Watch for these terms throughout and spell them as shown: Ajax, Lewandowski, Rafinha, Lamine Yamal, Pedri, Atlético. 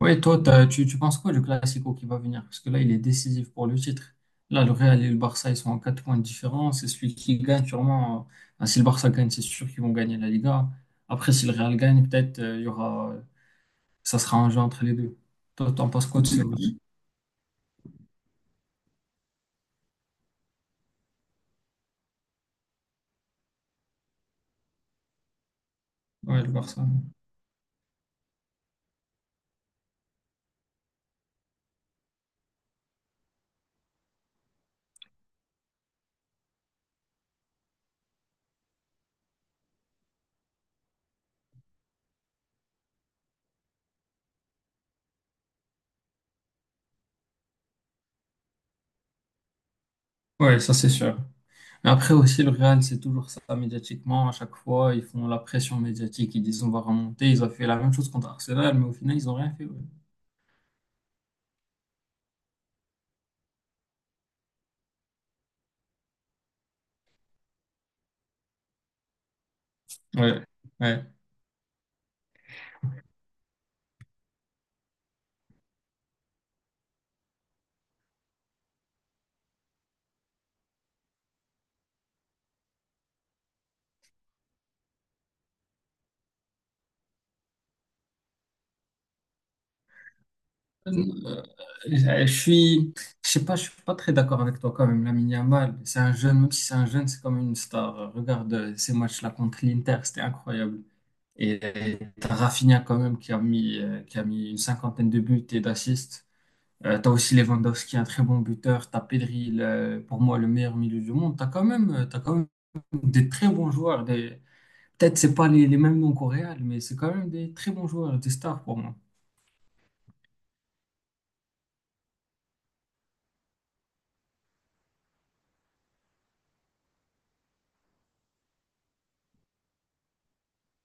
Oui, toi, tu penses quoi du Classico qui va venir? Parce que là, il est décisif pour le titre. Là, le Real et le Barça, ils sont en 4 points de différence. Et celui qui gagne, sûrement, ben, si le Barça gagne, c'est sûr qu'ils vont gagner la Liga. Après, si le Real gagne, peut-être, il y aura, ça sera un jeu entre les deux. Toi, t'en penses quoi de ce. Ouais, le Barça. Ouais, ça, c'est sûr. Mais après aussi, le Real, c'est toujours ça médiatiquement. À chaque fois, ils font la pression médiatique. Ils disent, on va remonter. Ils ont fait la même chose contre Arsenal, mais au final, ils n'ont rien fait. Ouais. Ouais. Ouais. Euh, Je suis, je sais pas, je suis pas très d'accord avec toi quand même. Lamine Yamal, c'est un jeune, même si c'est un jeune, c'est quand même une star. Regarde ces matchs-là contre l'Inter, c'était incroyable. Et t'as Rafinha quand même qui a mis une cinquantaine de buts et d'assists. T'as aussi Lewandowski, un très bon buteur. T'as Pedri, pour moi le meilleur milieu du monde. T'as quand même des très bons joueurs. Des. Peut-être c'est pas les mêmes noms qu'au Real, mais c'est quand même des très bons joueurs, des stars pour moi.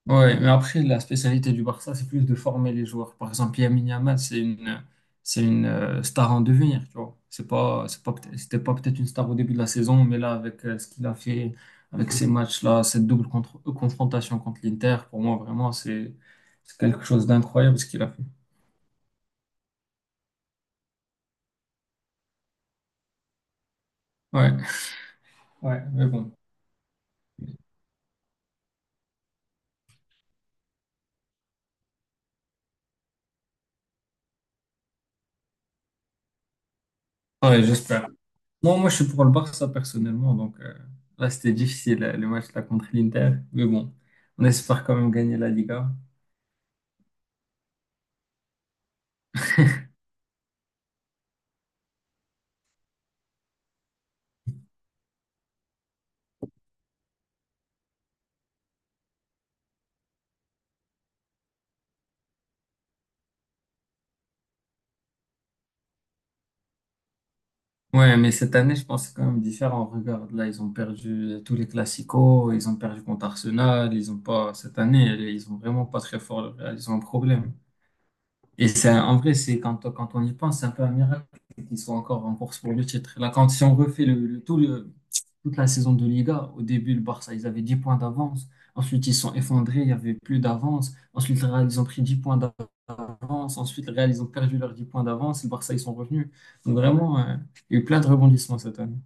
Ouais, mais après, la spécialité du Barça, c'est plus de former les joueurs. Par exemple, Lamine Yamal, c'est une star en devenir, tu vois. C'était pas peut-être une star au début de la saison, mais là, avec ce qu'il a fait, avec ces matchs-là, cette double confrontation contre l'Inter, pour moi, vraiment, c'est quelque chose d'incroyable ce qu'il a fait. Ouais, ouais, mais bon. Ouais, j'espère. Moi, je suis pour le Barça personnellement, donc là, c'était difficile, le match là contre l'Inter, mais bon, on espère quand même gagner la Liga. Ouais, mais cette année, je pense que c'est quand même différent. Regarde, là, ils ont perdu tous les classicos, ils ont perdu contre Arsenal, ils ont pas, cette année, ils ont vraiment pas très fort, le Real, ils ont un problème. Et c'est, en vrai, c'est quand on y pense, c'est un peu un miracle qu'ils soient encore en course pour le titre. Là, si on refait toute la saison de Liga, au début, le Barça, ils avaient 10 points d'avance. Ensuite, ils se sont effondrés, il n'y avait plus d'avance. Ensuite, le Real, ils ont pris 10 points d'avance. Ensuite, le Real, ils ont perdu leurs 10 points d'avance. Le Barça, ils sont revenus. Donc, vraiment, il y a eu plein de rebondissements cette année.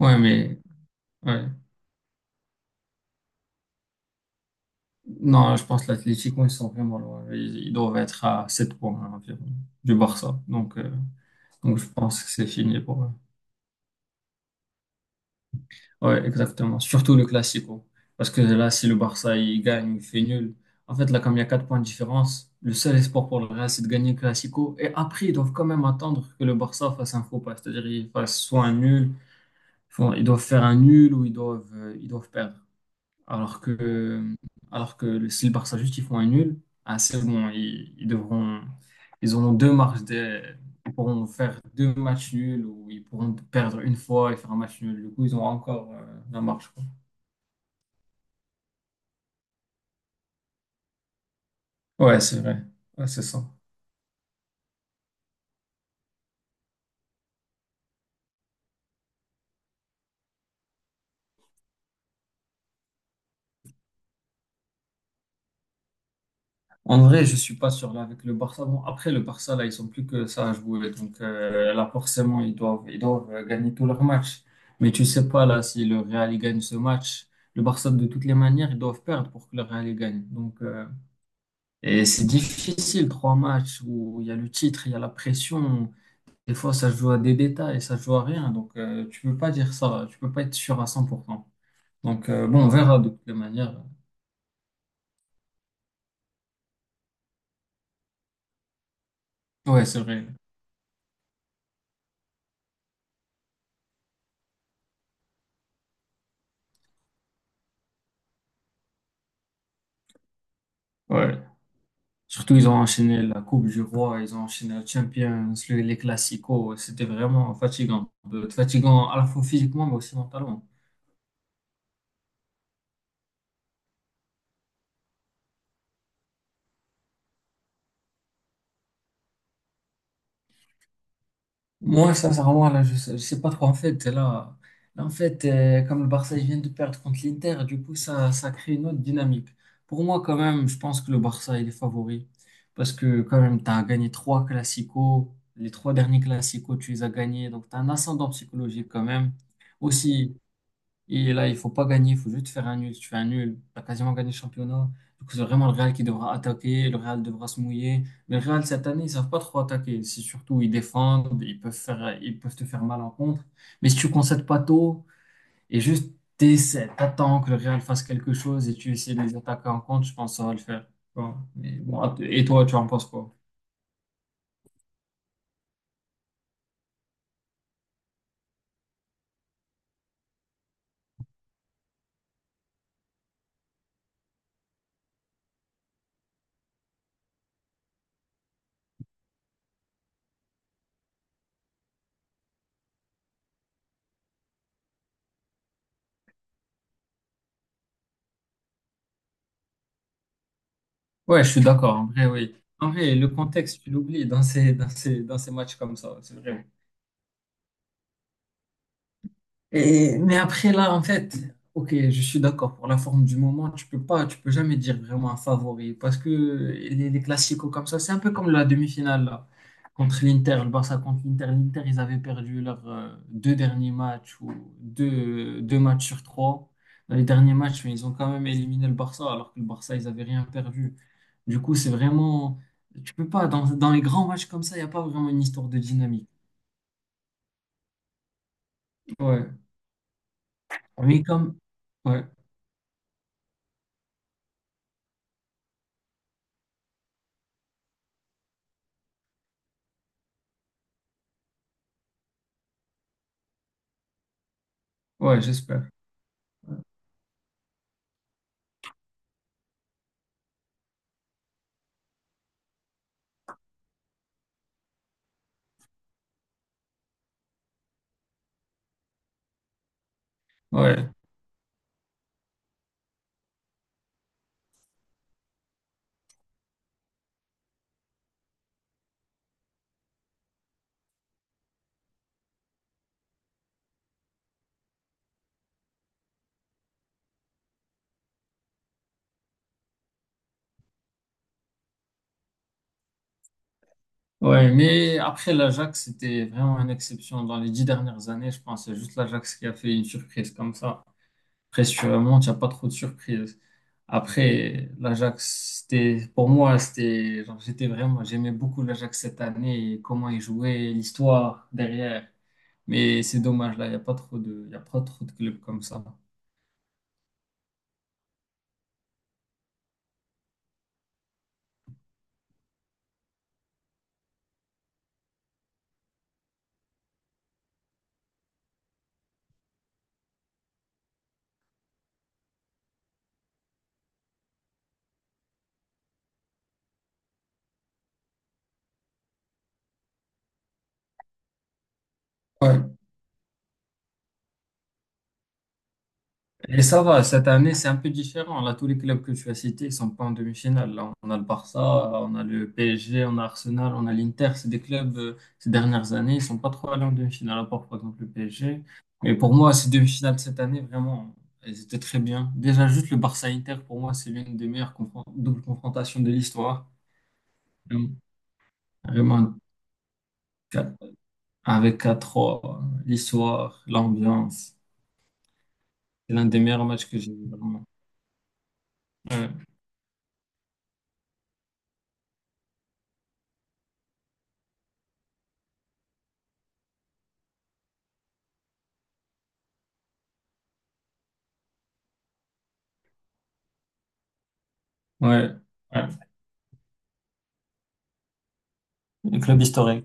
Ouais, mais ouais. Non, je pense que l'Atlético, ils sont vraiment loin. Ils doivent être à 7 points hein, environ du Barça. Donc, je pense que c'est fini pour eux. Ouais, exactement. Surtout le Classico. Parce que là, si le Barça il gagne, il fait nul. En fait, là, comme il y a 4 points de différence, le seul espoir pour le Real, c'est de gagner le Classico. Et après, ils doivent quand même attendre que le Barça fasse un faux pas. C'est-à-dire, ils fassent soit un nul, ils doivent faire un nul ou ils doivent perdre. Alors que, alors que si le Barça juste ils font un nul, ah, c'est bon, ils devront, ils auront deux marches, de, ils pourront faire deux matchs nuls ou ils pourront perdre une fois et faire un match nul. Du coup, ils auront encore la marche, quoi. Ouais, c'est vrai. Ouais, c'est ça. En vrai, je suis pas sûr là avec le Barça. Bon, après le Barça là, ils sont plus que ça à jouer, donc là forcément ils doivent gagner tous leurs matchs. Mais tu sais pas là si le Real il gagne ce match, le Barça de toutes les manières ils doivent perdre pour que le Real il gagne. Et c'est difficile, trois matchs où il y a le titre, il y a la pression. Des fois, ça se joue à des détails, ça se joue à rien. Donc, tu peux pas dire ça. Tu peux pas être sûr à 100%. Donc, bon, on verra de toutes les manières. Ouais, c'est vrai. Ouais. Surtout, ils ont enchaîné la Coupe du Roi, ils ont enchaîné la Champions, les Classicos. C'était vraiment fatigant. Fatigant à la fois physiquement, mais aussi mentalement. Moi, sincèrement, là, je sais pas trop. En fait, là, comme le Barça il vient de perdre contre l'Inter, du coup, ça crée une autre dynamique. Pour moi, quand même, je pense que le Barça, il est favori. Parce que, quand même, tu as gagné trois classicos. Les trois derniers classicos, tu les as gagnés. Donc, tu as un ascendant psychologique, quand même. Aussi, et là, il faut pas gagner, il faut juste faire un nul. Si tu fais un nul, tu as quasiment gagné le championnat. Du coup, c'est vraiment le Real qui devra attaquer, le Real devra se mouiller. Mais le Real, cette année, ils savent pas trop attaquer. C'est surtout, ils défendent, ils peuvent faire, ils peuvent te faire mal en contre. Mais si tu concèdes pas tôt et juste t'essaies, t'attends que le Real fasse quelque chose et tu essaies de les attaquer en contre, je pense que ça va le faire. Bon, mais bon, et toi, tu en penses quoi? Ouais, je suis d'accord. En vrai, oui. En vrai, le contexte, tu l'oublies dans ces, dans ces matchs comme ça. C'est vrai. Et, mais après, là, en fait, ok, je suis d'accord pour la forme du moment. Tu peux pas, tu peux jamais dire vraiment un favori parce que les classicos comme ça, c'est un peu comme la demi-finale là, contre l'Inter, le Barça contre l'Inter. L'Inter, ils avaient perdu leurs deux derniers matchs ou deux matchs sur trois. Dans les derniers matchs, mais ils ont quand même éliminé le Barça alors que le Barça, ils avaient rien perdu. Du coup, c'est vraiment, tu peux pas, dans les grands matchs comme ça, il n'y a pas vraiment une histoire de dynamique. Ouais, mais comme, ouais, ouais, j'espère. Ouais, ouais, mais après l'Ajax, c'était vraiment une exception. Dans les 10 dernières années, je pense, c'est juste l'Ajax qui a fait une surprise comme ça. Après, si tu remontes, il n'y a pas trop de surprises. Après, l'Ajax, c'était, pour moi, c'était, genre, j'étais vraiment, j'aimais beaucoup l'Ajax cette année et comment il jouait, l'histoire derrière. Mais c'est dommage, là, il n'y a pas trop de, il y a pas trop de clubs comme ça. Ouais. Et ça va, cette année, c'est un peu différent. Là, tous les clubs que tu as cités ne sont pas en demi-finale. Là, on a le Barça, on a le PSG, on a Arsenal, on a l'Inter. C'est des clubs, ces dernières années, ils sont pas trop allés en demi-finale, à part, par exemple, le PSG. Mais pour moi, ces demi-finales cette année, vraiment, elles étaient très bien. Déjà, juste le Barça-Inter, pour moi, c'est l'une des meilleures doubles confrontations de l'histoire. Vraiment, vraiment, quatre- avec 4-3, l'histoire, l'ambiance. C'est l'un des meilleurs matchs que j'ai vu, vraiment. Ouais, ouais, ouais. Le club historique.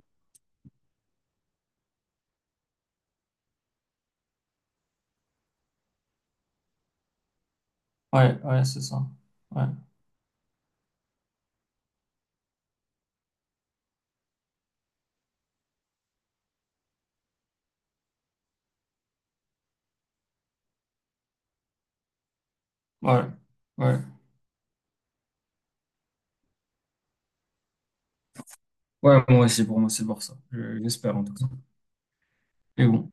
Ouais, ouais, c'est ça. Ouais, ouais, ouais. Ouais, moi aussi, pour moi, c'est le Barça. J'espère en tout cas. Et bon.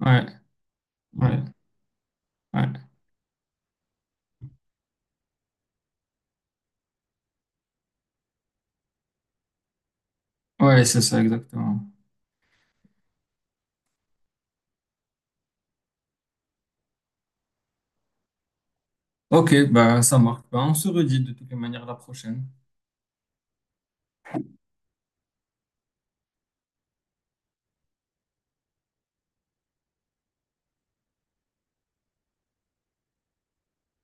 Ouais, ouais, ouais. Ouais, c'est ça, exactement. Ok, bah ça marche. Bah, on se redit de toutes les manières la prochaine.